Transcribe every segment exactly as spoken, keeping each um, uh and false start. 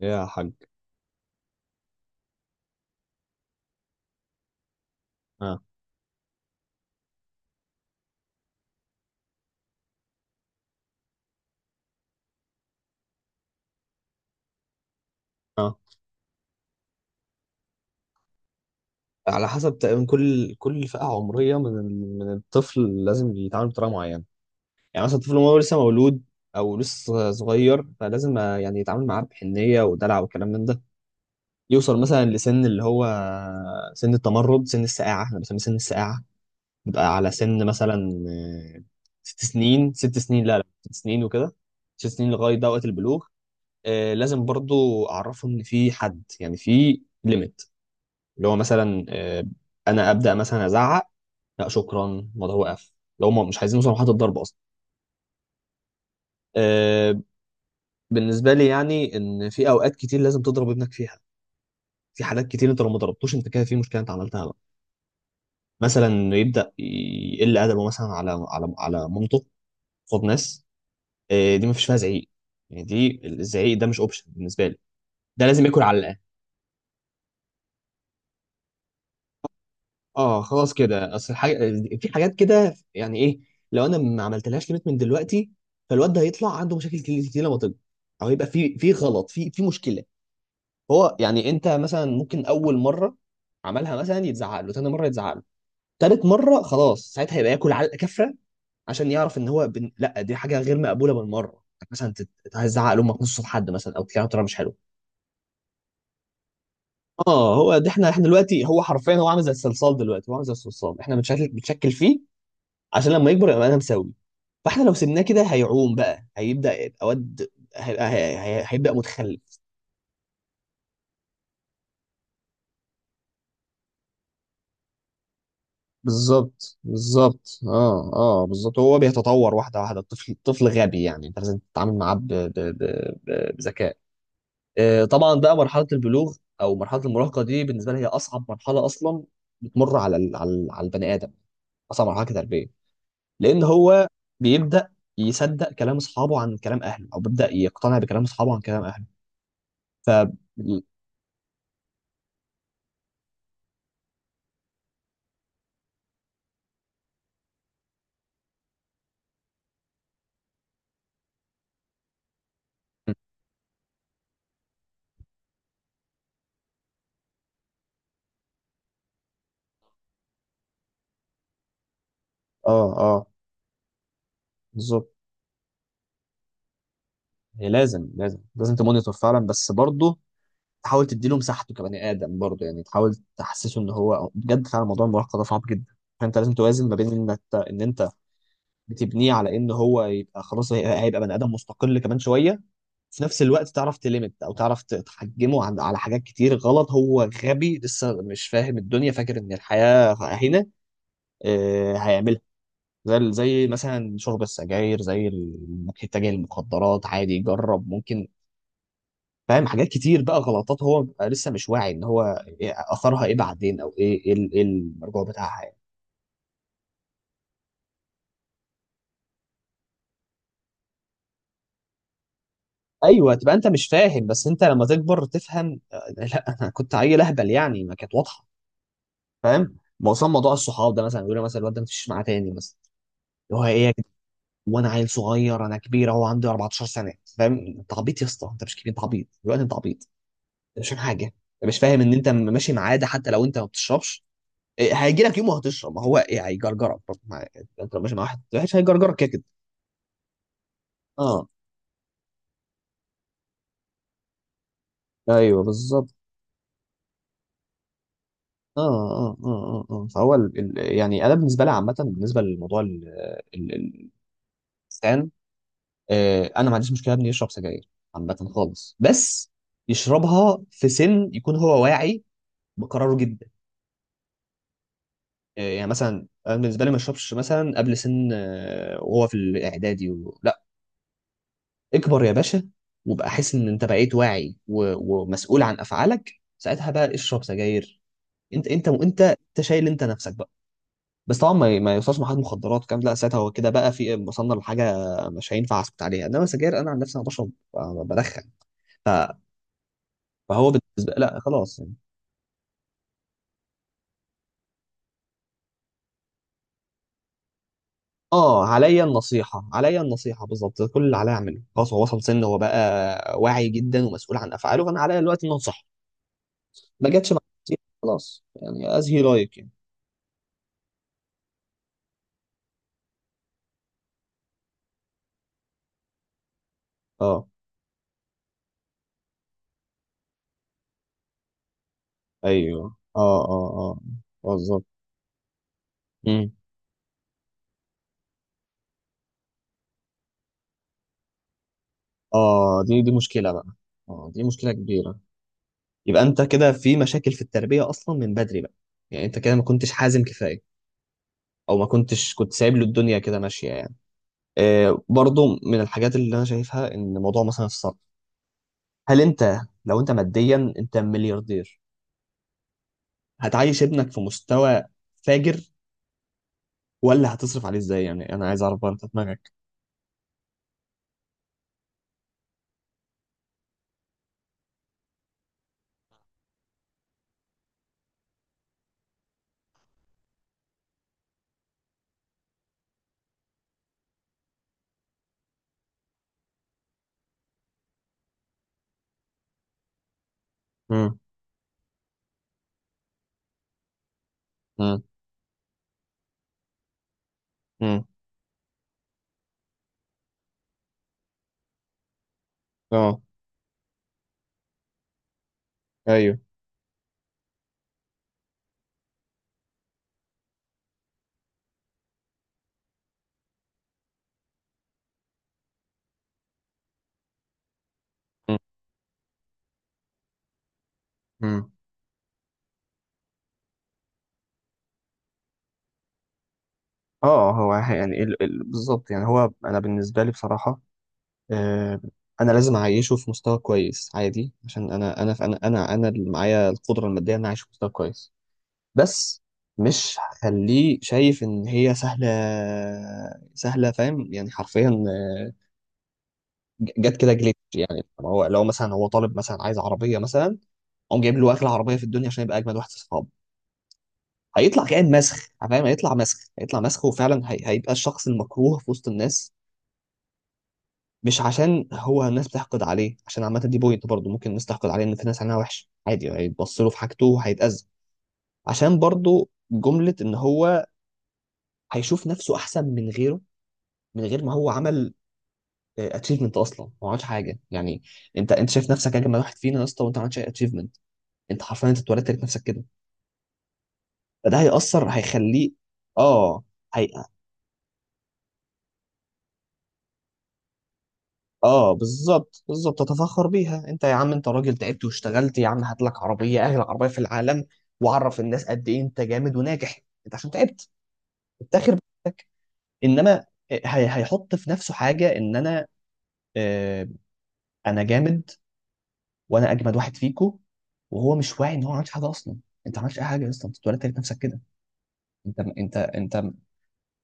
يا حاج. اه، اه، على حسب تقريبا كل كل فئة عمرية من ال- من الطفل لازم يتعامل بطريقة معينة. يعني مثلا الطفل وهو لسه مولود أو لسه صغير، فلازم آه، يعني يتعامل معاه بحنية ودلع وكلام من ده. يوصل مثلا لسن اللي هو سن التمرد، سن السقاعة، احنا بنسميه سن السقاعة، يبقى على سن مثلا آه، ست سنين. ست سنين لا لا ست سنين وكده. ست سنين لغاية ده وقت البلوغ. آه، لازم برضو أعرفه إن في حد، يعني في ليميت، اللي هو مثلا آه، انا ابدا مثلا ازعق. لا شكرا، الموضوع وقف لو هم مش عايزين يوصلوا لحد الضرب اصلا. آه، بالنسبه لي يعني ان في اوقات كتير لازم تضرب ابنك فيها. في حالات كتير انت لو ما ضربتوش انت كده في مشكله، انت عملتها بقى. مثلا يبدا يقل ادبه مثلا على على على مامته قصاد ناس. آه، دي ما فيش فيها زعيق. يعني دي الزعيق ده مش اوبشن بالنسبه لي. ده لازم ياكل على. اه خلاص كده اصل الحاجة. في حاجات كده يعني ايه؟ لو انا ما عملتلهاش ليميت من دلوقتي، فالواد ده هيطلع عنده مشاكل كتير كتير لما تكبر، او هيبقى في في غلط في في مشكله. هو يعني انت مثلا ممكن اول مره عملها مثلا يتزعق له، تاني مره يتزعق له، تالت مره خلاص ساعتها هيبقى ياكل علقه كفره. عشان يعرف ان هو بن... لا، دي حاجه غير مقبوله بالمره. يعني مثلا تت- هتزعق لامك نص صوت حد مثلا، او تكلمها بطريقه مش حلوه. اه هو ده. احنا احنا دلوقتي هو حرفيا هو عامل زي الصلصال. دلوقتي هو عامل زي الصلصال، احنا بنشكل بنشكل فيه عشان لما يكبر يبقى انا مساوي. فاحنا لو سيبناه كده هيعوم بقى، هيبدا يبقى واد، هيبقى هي- هي- هيبدا متخلف. بالظبط بالظبط اه، اه، بالظبط. هو بيتطور واحده واحده. الطفل طفل غبي، يعني انت لازم تتعامل معاه ب- ب- ب- ب- بذكاء. آه طبعا بقى مرحله البلوغ او مرحله المراهقه دي بالنسبه لي هي اصعب مرحله اصلا بتمر على ال- على ال- على البني ادم، اصعب مرحله كتربيه، لان هو بيبدا يصدق كلام اصحابه عن كلام اهله، او بيبدا يقتنع بكلام اصحابه عن كلام اهله. ف اه، اه، بالظبط. هي لازم لازم لازم تمونيتور فعلا، بس برضه تحاول تديله مساحته كبني ادم برضه. يعني تحاول تحسسه ان هو بجد فعلا موضوع المراهقه ده صعب جدا. فانت لازم توازن ما بين انك ان انت بتبنيه على ان هو يبقى خلاص هي- هيبقى بني ادم مستقل كمان شويه، في نفس الوقت تعرف تليمت او تعرف ت- تحجمه عن- على حاجات كتير غلط. هو غبي لسه مش فاهم الدنيا، فاكر ان الحياه هنا آه، هيعملها زي ال- زي مثلا شرب السجاير، زي ال- انك تتجه للمخدرات عادي، جرب ممكن، فاهم؟ حاجات كتير بقى غلطات هو بيبقى لسه مش واعي ان هو إيه اثرها، ايه بعدين، او ايه ايه ال- إيه المرجوع بتاعها يعني. ايوه، تبقى انت مش فاهم، بس انت لما تكبر تفهم. آه، لا انا كنت عيل اهبل يعني، ما كانت واضحه. فاهم؟ ما وصل موضوع الصحاب ده مثلا يقول لي مثلا الواد ده ما تمشيش معاه تاني مثلا، اللي هو ايه يا جدع؟ وانا عيل صغير، انا كبير اهو عندي 14 سنه، فاهم؟ انت عبيط يا اسطى، انت مش كبير، انت عبيط دلوقتي، انت عبيط عشان حاجه انت مش فاهم ان انت ماشي مع عاده. حتى لو انت ما بتشربش، إيه، هيجي لك يوم وهتشرب. ما هو ايه هيجرجرك برضه مع- يعني، انت لو ماشي مع واحد وحش هيجرجرك كده كده. اه، ايوه بالظبط. اه اه اه اه اه فهو ال... ال... يعني انا بالنسبه لي عامه بالنسبه للموضوع ال... ال... ال- الانسان. آه انا ما عنديش مشكله ابني يشرب سجاير عامه خالص، بس يشربها في سن يكون هو واعي بقراره جدا. آه يعني مثلا انا بالنسبه لي ما يشربش مثلا قبل سن آه وهو في الاعدادي. اكبر يا باشا، وبقى حس ان انت بقيت واعي و... ومسؤول عن افعالك، ساعتها بقى اشرب سجاير. انت انت وانت انت شايل انت نفسك بقى. بس طبعا ما, ما يوصلش محل مخدرات كام. لا ساعتها هو كده بقى في، وصلنا لحاجه مش هينفع اسكت عليها، انما سجاير انا عن نفسي انا بشرب ب- بدخن، ف... فهو بالنسبه لا خلاص يعني. اه عليا النصيحه، عليا النصيحه، بالظبط. ده كل اللي عليا اعمله، خلاص هو وصل سن هو بقى واعي جدا ومسؤول عن افعاله، فانا عليا دلوقتي ان انصحه. ما جاتش مع النصيحة، خلاص يعني از هي لايك يعني. اه، ايوه، اه، اه، اه، بالظبط. مم. اه دي دي مشكله بقى. اه دي مشكله كبيره. يبقى انت كده في مشاكل في التربيه اصلا من بدري بقى. يعني انت كده ما كنتش حازم كفايه، او ما كنتش كنت سايب له الدنيا كده ماشيه يعني. آه برضو من الحاجات اللي انا شايفها ان موضوع مثلا الصرف، هل انت لو انت ماديا انت ملياردير هتعيش ابنك في مستوى فاجر؟ ولا هتصرف عليه ازاي؟ يعني انا عايز اعرف برضه دماغك. امم امم امم اه، ايوه، مم. اه هو يعني ال- ال- بالظبط. يعني هو انا بالنسبه لي بصراحه آه، انا لازم اعيشه في مستوى كويس عادي، عشان انا انا انا انا انا اللي معايا القدره الماديه ان اعيش في مستوى كويس. بس مش هخليه شايف ان هي سهله سهله، فاهم؟ يعني حرفيا ج- جت كده جليتش، يعني هو لو مثلا هو طالب مثلا عايز عربيه مثلا، قام جايب له اغلى عربيه في الدنيا عشان يبقى اجمد واحد في اصحابه، هيطلع كائن مسخ. فاهم؟ هيطلع مسخ، هيطلع مسخ، وفعلا هي... هيبقى الشخص المكروه في وسط الناس. مش عشان هو الناس بتحقد عليه، عشان عامة دي بوينت برضه ممكن الناس تحقد عليه. ان في ناس عينها وحش عادي هيتبص له في حاجته وهيتأذى. عشان برضه جملة ان هو هيشوف نفسه احسن من غيره من غير ما هو عمل اتشيفمنت اصلا، ما عملش حاجة يعني. انت انت شايف نفسك اجمل واحد فينا يا اسطى، وانت ما عملتش اي اتشيفمنت. انت حرفيا انت اتولدت لقيت نفسك كده، فده هيأثر، هيخليه. اه، اه بالظبط بالظبط، تتفخر بيها. انت يا عم انت راجل تعبت واشتغلت، يا عم هات لك عربيه، اغلى عربيه في العالم، وعرف الناس قد ايه انت جامد وناجح. انت عشان تعبت، افتخر بنفسك. انما آه، هي هيحط في نفسه حاجه ان انا آه انا جامد، وانا اجمد واحد فيكو، وهو مش واعي ان هو ما عملش حاجه اصلا. انت ما عملتش اي حاجه اصلا، انت ولا تعبت نفسك كده. انت انت انت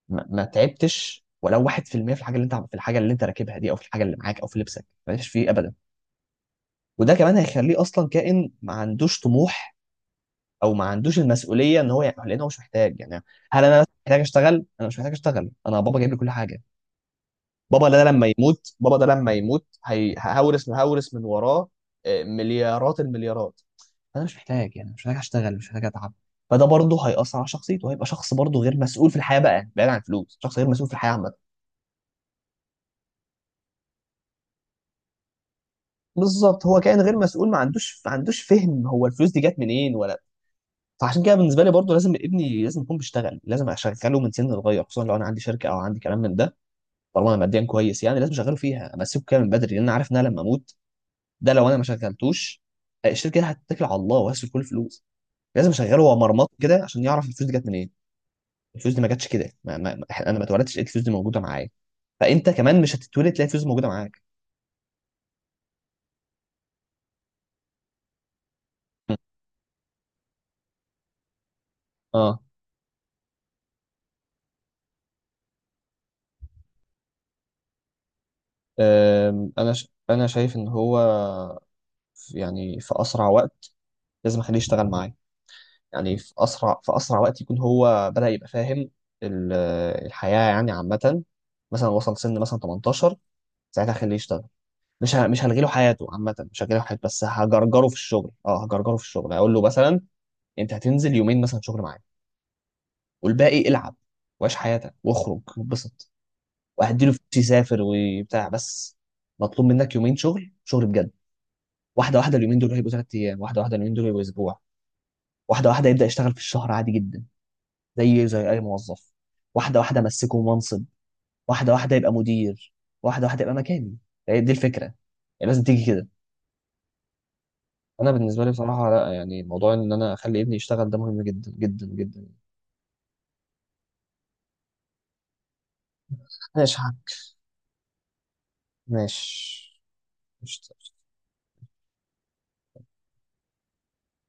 ما, ما تعبتش ولو واحد في المية في المية في الحاجه اللي انت، في الحاجه اللي انت راكبها دي، او في الحاجه اللي معاك، او في لبسك، مالكش فيه ابدا. وده كمان هيخليه اصلا كائن ما عندوش طموح، او ما عندوش المسؤوليه ان هو يعني، لان هو مش محتاج يعني. هل انا محتاج اشتغل؟ انا مش محتاج اشتغل، انا بابا جايب لي كل حاجه. بابا ده لما يموت، بابا ده لما يموت هي- هورث، هورث من وراه آه، مليارات، المليارات. انا مش محتاج يعني، مش محتاج اشتغل، مش محتاج اتعب. فده برضه هيأثر على شخصيته، وهيبقى شخص برضه غير مسؤول في الحياه بقى، بعيد عن الفلوس شخص غير مسؤول في الحياه عامه. بالظبط هو كائن غير مسؤول، ما عندوش ما عندوش فهم هو الفلوس دي جت منين ولا. فعشان كده بالنسبه لي برضو لازم ابني لازم يكون بيشتغل، لازم اشغله من سن صغير، خصوصا لو انا عندي شركه او عندي كلام من ده. طالما انا ماديا كويس يعني لازم اشغله فيها، امسكه كده من بدري، لان انا عارف ان انا لما اموت، ده لو انا ما شغلتوش الشركه دي هتتكل على الله وهسيب كل الفلوس. لازم اشغله هو مرمط كده عشان يعرف الفلوس دي جت منين. الفلوس دي ما جاتش كده، ما ما ما- انا ما اتولدتش لقيت الفلوس دي موجوده معايا، فانت كمان مش هتتولد تلاقي الفلوس دي موجوده معاك. اه. أم، انا ش... انا شايف ان هو في- يعني في اسرع وقت لازم اخليه يشتغل معايا. يعني في اسرع في اسرع وقت يكون هو بدأ يبقى فاهم ال- الحياة يعني عامة. مثلا وصل سن مثلا تمنتاشر، ساعتها خليه يشتغل. مش ه- مش هلغي له حياته عامة، مش هلغي له حياته، بس هجرجره في الشغل. اه هجرجره في الشغل، هقول له مثلا انت هتنزل يومين مثلا شغل معايا، والباقي العب وعيش حياتك واخرج واتبسط، وهديله فلوس يسافر وبتاع. بس مطلوب منك يومين شغل، شغل بجد. واحدة واحدة اليومين دول هيبقوا تلات ايام، واحدة واحدة اليومين دول هيبقوا اسبوع، واحدة واحدة يبدأ يشتغل في الشهر عادي جدا زي زي اي موظف. واحده واحده امسكه منصب، واحده واحده يبقى مدير، واحده واحده يبقى مكاني. هي دي الفكره يعني، لازم تيجي كده. انا بالنسبه لي بصراحه لا يعني، موضوع ان انا اخلي ابني يشتغل ده مهم جدا جدا جدا. ماشي يا حاج. ماشي. قشطة.